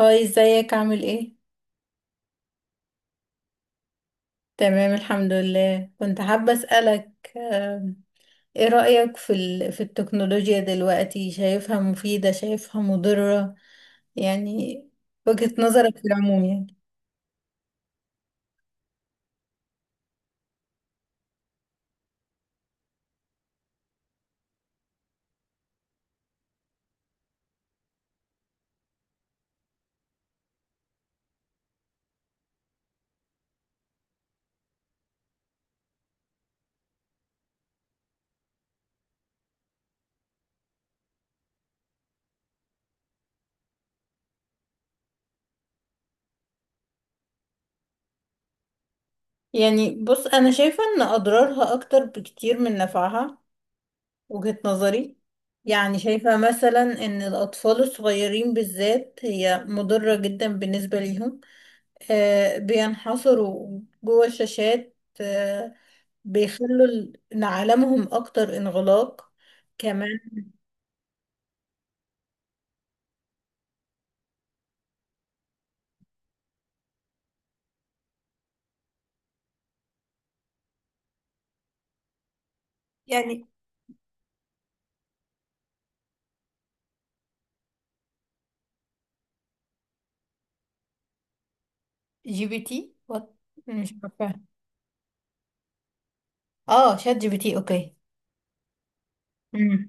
هاي، ازيك؟ عامل ايه؟ تمام، الحمد لله. كنت حابة اسألك، آم، ايه رأيك في في التكنولوجيا دلوقتي؟ شايفها مفيدة؟ شايفها مضرة؟ يعني وجهة نظرك في العموم. يعني يعني بص، انا شايفة ان اضرارها اكتر بكتير من نفعها. وجهة نظري، يعني شايفة مثلا ان الاطفال الصغيرين بالذات هي مضرة جدا بالنسبة ليهم. بينحصروا جوه الشاشات. بيخلوا إن عالمهم أكتر انغلاق. كمان، يعني جي بي تي وات؟ مش عارفة. اه، شات جي بي تي. اوكي. مم.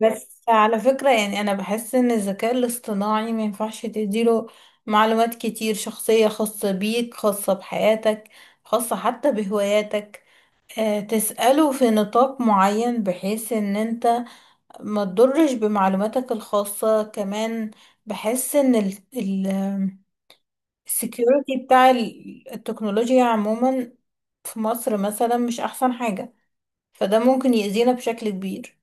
بس على فكرة يعني أنا بحس إن الذكاء الاصطناعي ما ينفعش تديله معلومات كتير شخصية، خاصة بيك، خاصة بحياتك، خاصة حتى بهواياتك. تسأله في نطاق معين بحيث إن أنت ما تضرش بمعلوماتك الخاصة. كمان بحس ان ال السكيورتي بتاع التكنولوجيا عموما في مصر مثلا مش احسن حاجة، فده ممكن يأذينا بشكل كبير.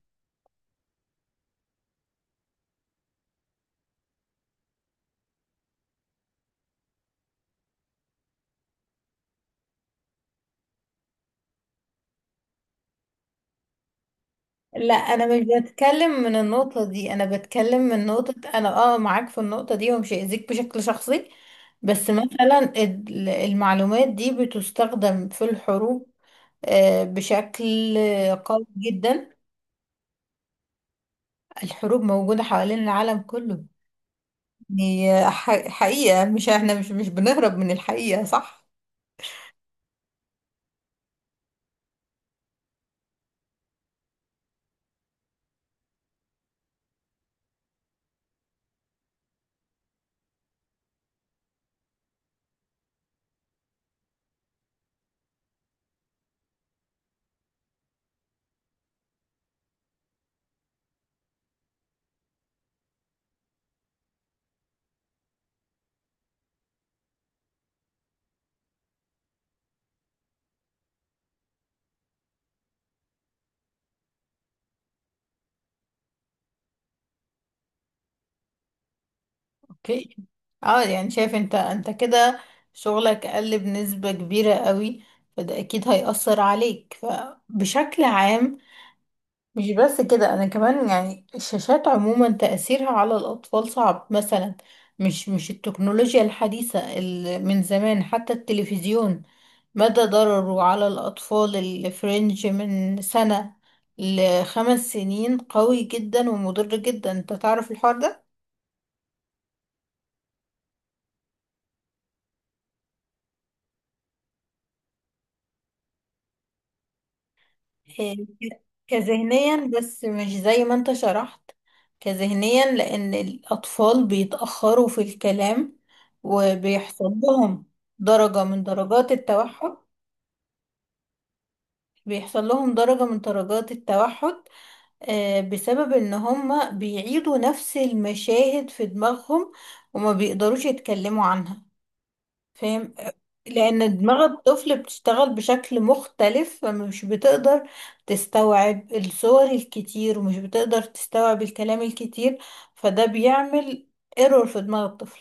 لا، انا مش بتكلم من النقطة دي، انا بتكلم من نقطة، انا اه معاك في النقطة دي ومش هيأذيك بشكل شخصي. بس مثلا المعلومات دي بتستخدم في الحروب بشكل قوي جدا. الحروب موجودة حوالين العالم كله، هي حقيقة. مش احنا مش بنهرب من الحقيقة، صح؟ اوكي. اه، يعني شايف انت كده شغلك قل بنسبة كبيرة قوي، فده اكيد هيأثر عليك، فبشكل عام. مش بس كده، انا كمان يعني الشاشات عموما تأثيرها على الأطفال صعب مثلا. مش التكنولوجيا الحديثة، اللي من زمان حتى التلفزيون مدى ضرره على الأطفال اللي في رينج من سنة لـ 5 سنين قوي جدا ومضر جدا. انت تعرف الحوار ده. إيه، كذهنيا، بس مش زي ما انت شرحت. كذهنيا، لأن الأطفال بيتأخروا في الكلام وبيحصل لهم درجة من درجات التوحد. بيحصل لهم درجة من درجات التوحد بسبب ان هما بيعيدوا نفس المشاهد في دماغهم وما بيقدروش يتكلموا عنها. فاهم؟ لان دماغ الطفل بتشتغل بشكل مختلف، فمش بتقدر تستوعب الصور الكتير ومش بتقدر تستوعب الكلام الكتير، فده بيعمل ايرور في دماغ الطفل.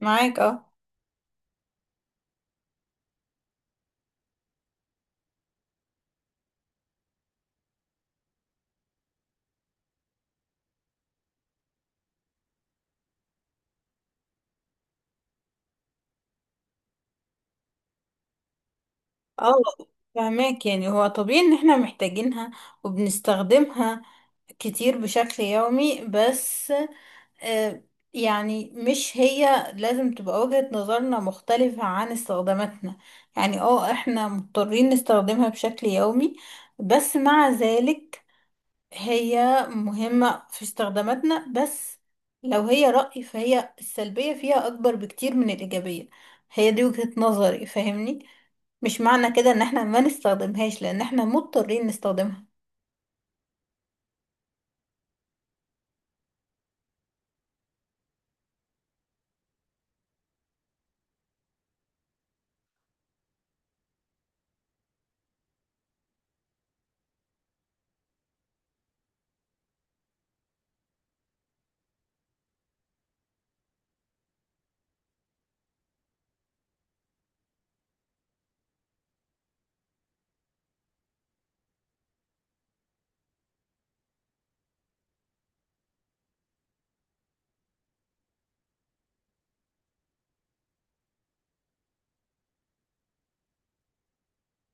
معاك؟ اه، اه، فهماك. يعني هو طبيعي ان احنا محتاجينها وبنستخدمها كتير بشكل يومي. بس آه، يعني مش هي لازم تبقى وجهة نظرنا مختلفة عن استخداماتنا. يعني اه، احنا مضطرين نستخدمها بشكل يومي، بس مع ذلك هي مهمة في استخداماتنا. بس لو هي رأي، فهي السلبية فيها أكبر بكتير من الإيجابية. هي دي وجهة نظري، فاهمني؟ مش معنى كده ان احنا ما نستخدمهاش، لان احنا مضطرين نستخدمها.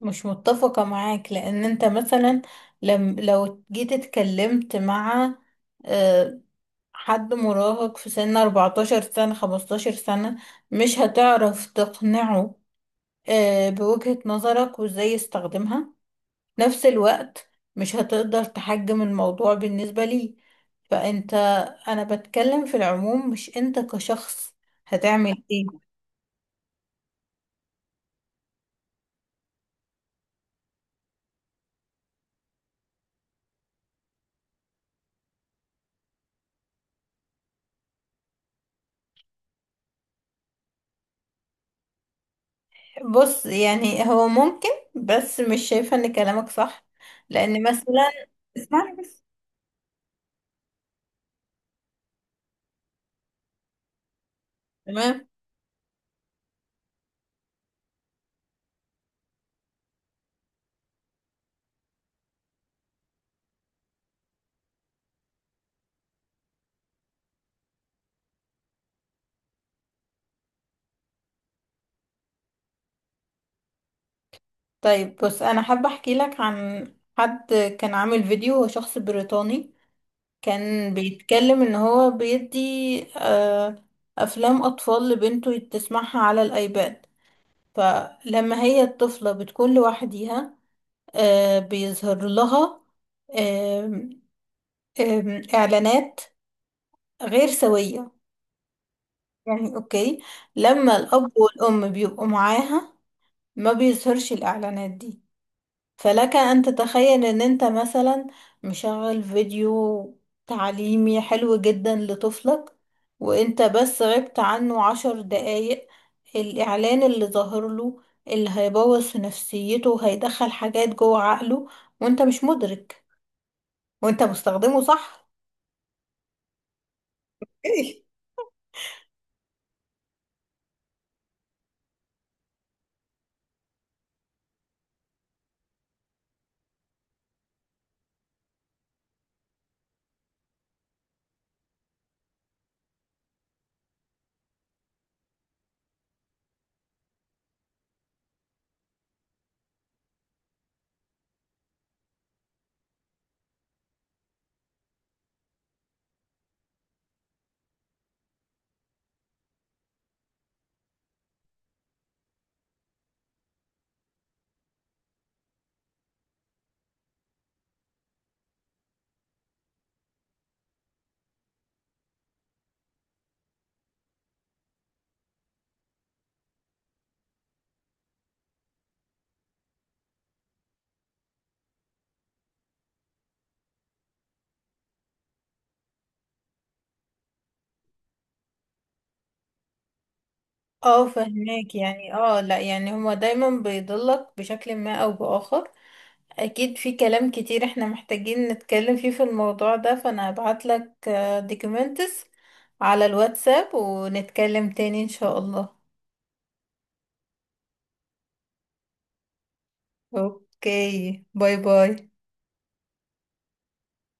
مش متفقة معاك، لأن أنت مثلا لم لو جيت اتكلمت مع آه، حد مراهق في سن 14 سنة، 15 سنة، مش هتعرف تقنعه بوجهة نظرك، وازاي يستخدمها نفس الوقت. مش هتقدر تحجم الموضوع بالنسبة ليه. فأنت، أنا بتكلم في العموم مش أنت كشخص، هتعمل ايه؟ بص، يعني هو ممكن، بس مش شايفة ان كلامك صح، لأن مثلا، اسمعني بس. تمام. طيب بص، انا حابه احكي لك عن حد كان عامل فيديو، هو شخص بريطاني. كان بيتكلم ان هو بيدي آه، افلام اطفال لبنته تسمعها على الايباد. فلما هي الطفله بتكون لوحديها، بيظهر لها آم، آم، اعلانات غير سويه. يعني اوكي، لما الاب والام بيبقوا معاها ما بيظهرش الاعلانات دي. فلك أن تتخيل إن أنت مثلا مشغل فيديو تعليمي حلو جدا لطفلك، وأنت بس غبت عنه 10 دقايق، الإعلان اللي ظاهر له اللي هيبوظ في نفسيته وهيدخل حاجات جوه عقله، وأنت مش مدرك وأنت مستخدمه صح. ايه، اه، فهماك. يعني اه، لا يعني هما دايما بيضلك بشكل ما أو بآخر. اكيد في كلام كتير احنا محتاجين نتكلم فيه في الموضوع ده، فانا هبعت لك دوكيومنتس على الواتساب ونتكلم تاني ان شاء الله. اوكي، باي باي.